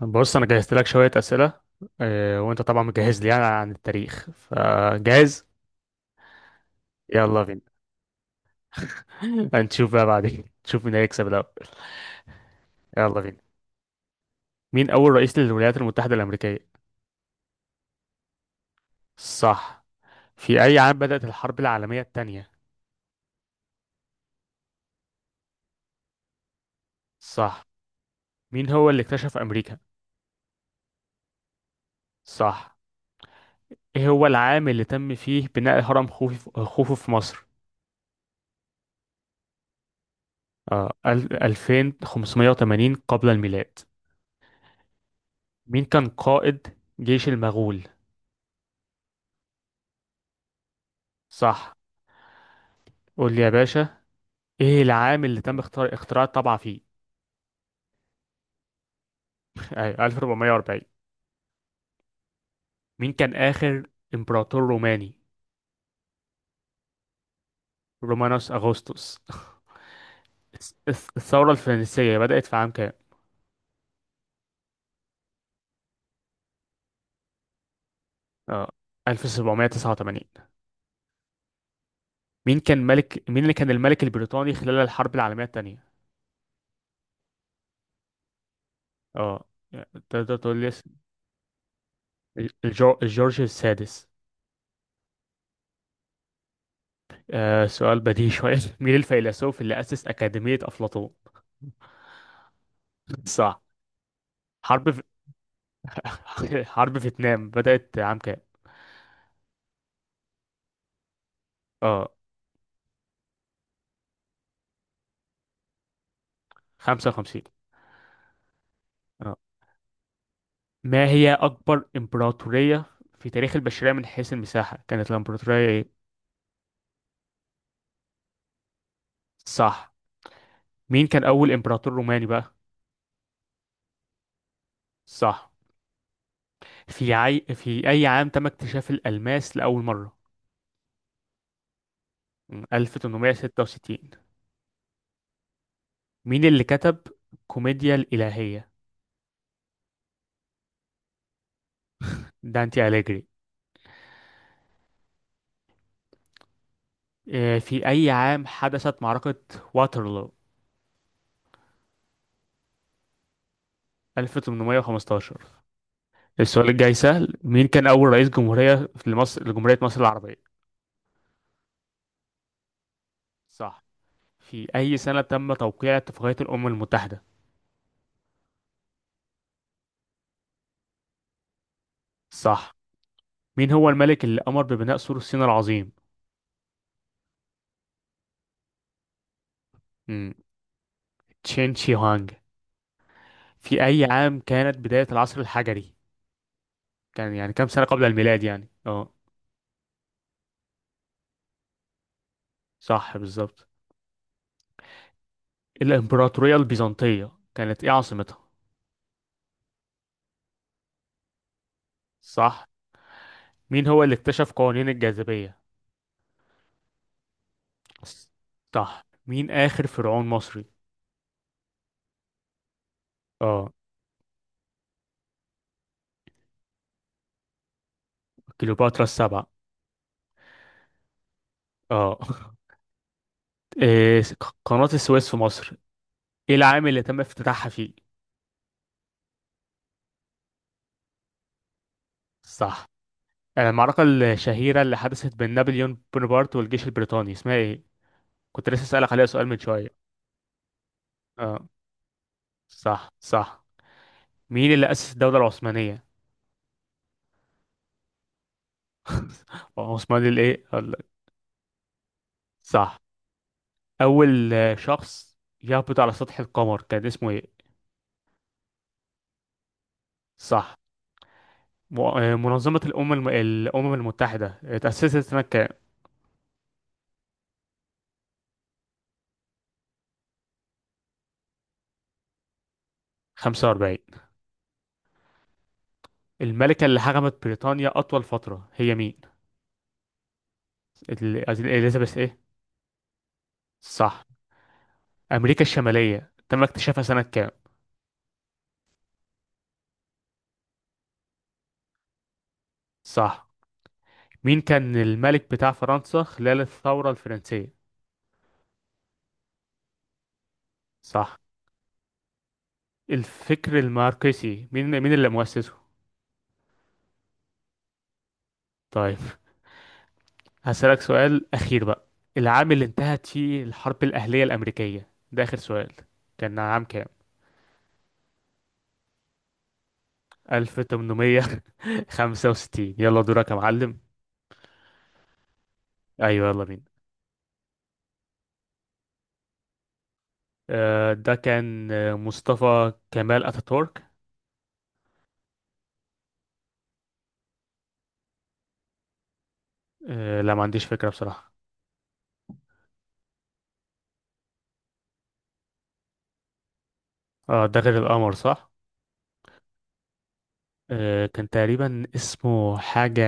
بص انا جهزت لك شويه اسئله. وانت طبعا مجهز لي يعني عن التاريخ فجاهز. يلا بينا. هنشوف بقى بعدين نشوف مين هيكسب الاول. يلا بينا. مين اول رئيس للولايات المتحده الامريكيه؟ صح. في اي عام بدات الحرب العالميه الثانيه؟ صح. مين هو اللي اكتشف امريكا؟ صح. ايه هو العام اللي تم فيه بناء هرم خوفو في مصر؟ 2580 قبل الميلاد. مين كان قائد جيش المغول؟ صح. قول لي يا باشا، ايه العام اللي تم اختراع الطبعة فيه؟ ايوه، 1440. مين كان آخر امبراطور روماني؟ رومانوس أغسطس. الثورة الفرنسية بدأت في عام كام؟ اه، 1789. مين اللي كان الملك البريطاني خلال الحرب العالمية الثانية؟ اه، تقدر تقول لي اسم؟ الجورج السادس. آه، سؤال بديهي شوية. مين الفيلسوف اللي أسس أكاديمية أفلاطون؟ صح. حرب في... حرب فيتنام بدأت عام كام؟ اه، 55. آه. ما هي أكبر إمبراطورية في تاريخ البشرية من حيث المساحة، كانت الإمبراطورية إيه؟ صح. مين كان أول إمبراطور روماني بقى؟ صح. في أي عام تم اكتشاف الألماس لأول مرة؟ 1866. مين اللي كتب كوميديا الإلهية؟ دانتي أليجري. آه، في أي عام حدثت معركة واترلو؟ 1815. السؤال الجاي سهل، مين كان أول رئيس جمهورية في مصر لجمهورية مصر العربية؟ صح. في أي سنة تم توقيع اتفاقية الأمم المتحدة؟ صح. مين هو الملك اللي أمر ببناء سور الصين العظيم؟ مم. تشين شي هوانج. في أي عام كانت بداية العصر الحجري؟ كان يعني كام سنة قبل الميلاد يعني؟ اه، صح بالظبط. الإمبراطورية البيزنطية كانت إيه عاصمتها؟ صح. مين هو اللي اكتشف قوانين الجاذبية؟ ص- صح. مين آخر فرعون مصري؟ اه، كليوباترا السبعة. اه. إيه، قناة السويس في مصر، ايه العام اللي تم افتتاحها فيه؟ صح. آه، المعركة الشهيرة اللي حدثت بين نابليون بونابرت والجيش البريطاني اسمها ايه؟ كنت لسه اسألك عليها سؤال من شوية. اه صح صح. مين اللي أسس الدولة العثمانية؟ عثماني الايه؟ أقول لك. صح. أول شخص يهبط على سطح القمر كان اسمه ايه؟ صح. منظمة الأمم المتحدة اتأسست سنة كام؟ 45. الملكة اللي حكمت بريطانيا أطول فترة هي مين؟ إليزابيث ايه؟ صح. أمريكا الشمالية تم اكتشافها سنة كام؟ صح. مين كان الملك بتاع فرنسا خلال الثورة الفرنسية؟ صح. الفكر الماركسي مين اللي مؤسسه؟ طيب، هسألك سؤال أخير بقى، العام اللي انتهت فيه الحرب الأهلية الأمريكية، ده آخر سؤال، كان عام كام؟ 1865. يلا دورك يا معلم. أيوة يلا بينا. آه، ده كان مصطفى كمال أتاتورك. آه، لا ما عنديش فكرة بصراحة. اه ده غير القمر، صح؟ آه، كان تقريبا اسمه حاجة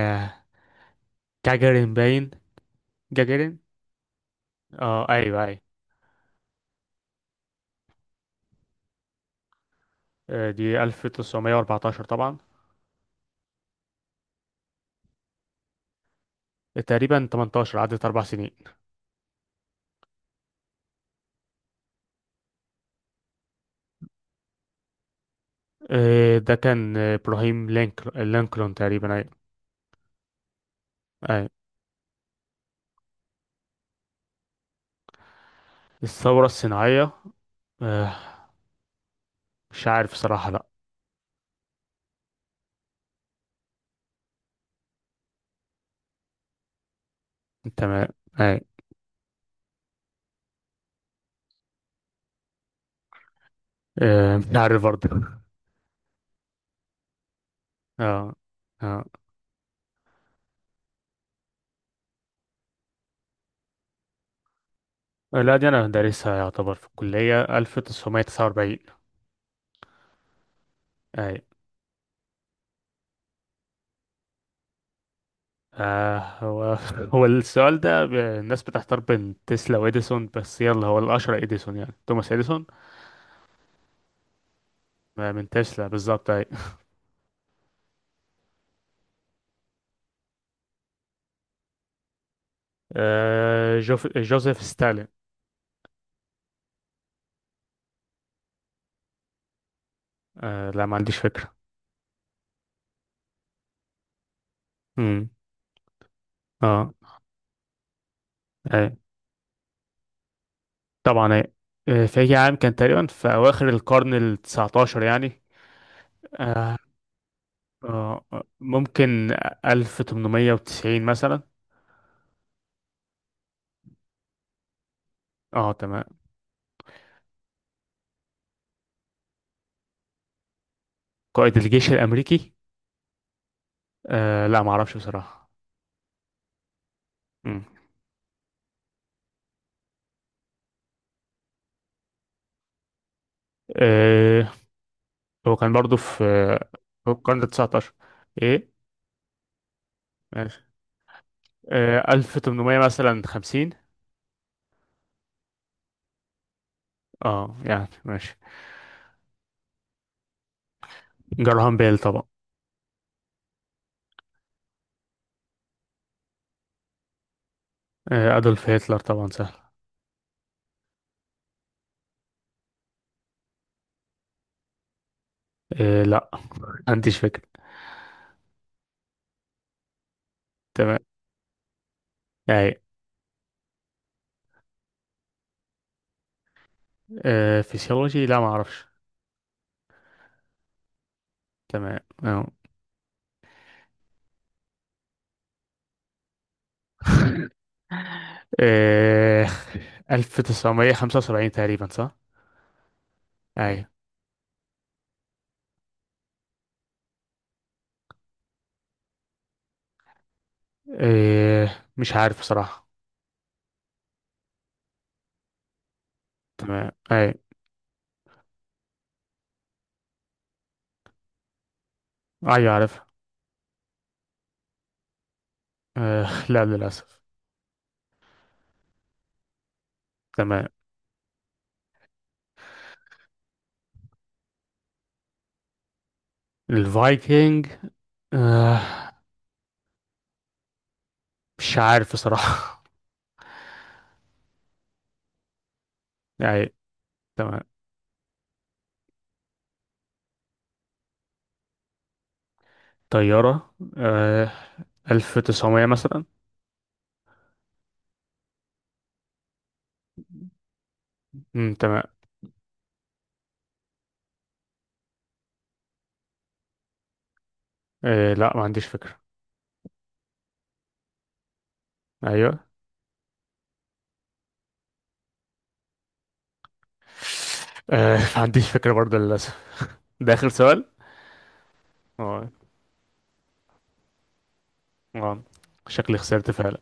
كاجرين باين، جاجارين. اه ايوه ايوه. آه، دي 1914 طبعا. تقريبا 18، عدت اربع سنين. آه، ده كان ابراهيم لينكولن تقريبا، ايوه. ايوه. الثوره الصناعيه، آه، مش عارف صراحه لا. تمام. ايوه. مش عارف برضه. اه اه. لا دي انا دارسها يعتبر في الكليه، 1949. ايوه. آه هو هو السؤال ده الناس بتحتار بين تسلا وإديسون، بس يلا هو الأشهر إديسون، يعني توماس إديسون. ما من تسلا بالظبط، اي. آه جوزيف ستالين. آه لا ما عنديش فكرة. امم. اه. اي. طبعا اي. آه، في أي عام؟ كان تقريبا في أواخر القرن التسعتاشر يعني. آه آه، ممكن 1890 مثلا. اه تمام. قائد الجيش الأمريكي، آه لا ما اعرفش بصراحة. مم. آه هو كان برضو في في القرن التسعتاشر، ايه. ماشي، آه، 1800 مثلا 50. اه يعني ماشي. جراهام بيل طبعا. آه، أدولف هتلر طبعا، سهل. آه، لا ما عنديش فكرة. تمام أي. آه، فيسيولوجي، لا ما أعرفش. تمام. أه. آه، 1975 تقريبا، صح؟ أي. آه، مش عارف بصراحة. تمام أي. أيوة عارف. آه، لا للأسف. تمام. الفايكنج، آه، مش عارف بصراحة. أي. تمام. طيارة، آه، 1900 مثلا. مم، تمام. آه، لا ما عنديش فكرة. ايوه. آه ما عنديش فكرة برضه للأسف، ده آخر سؤال. اه. آه. شكلي خسرت فعلا.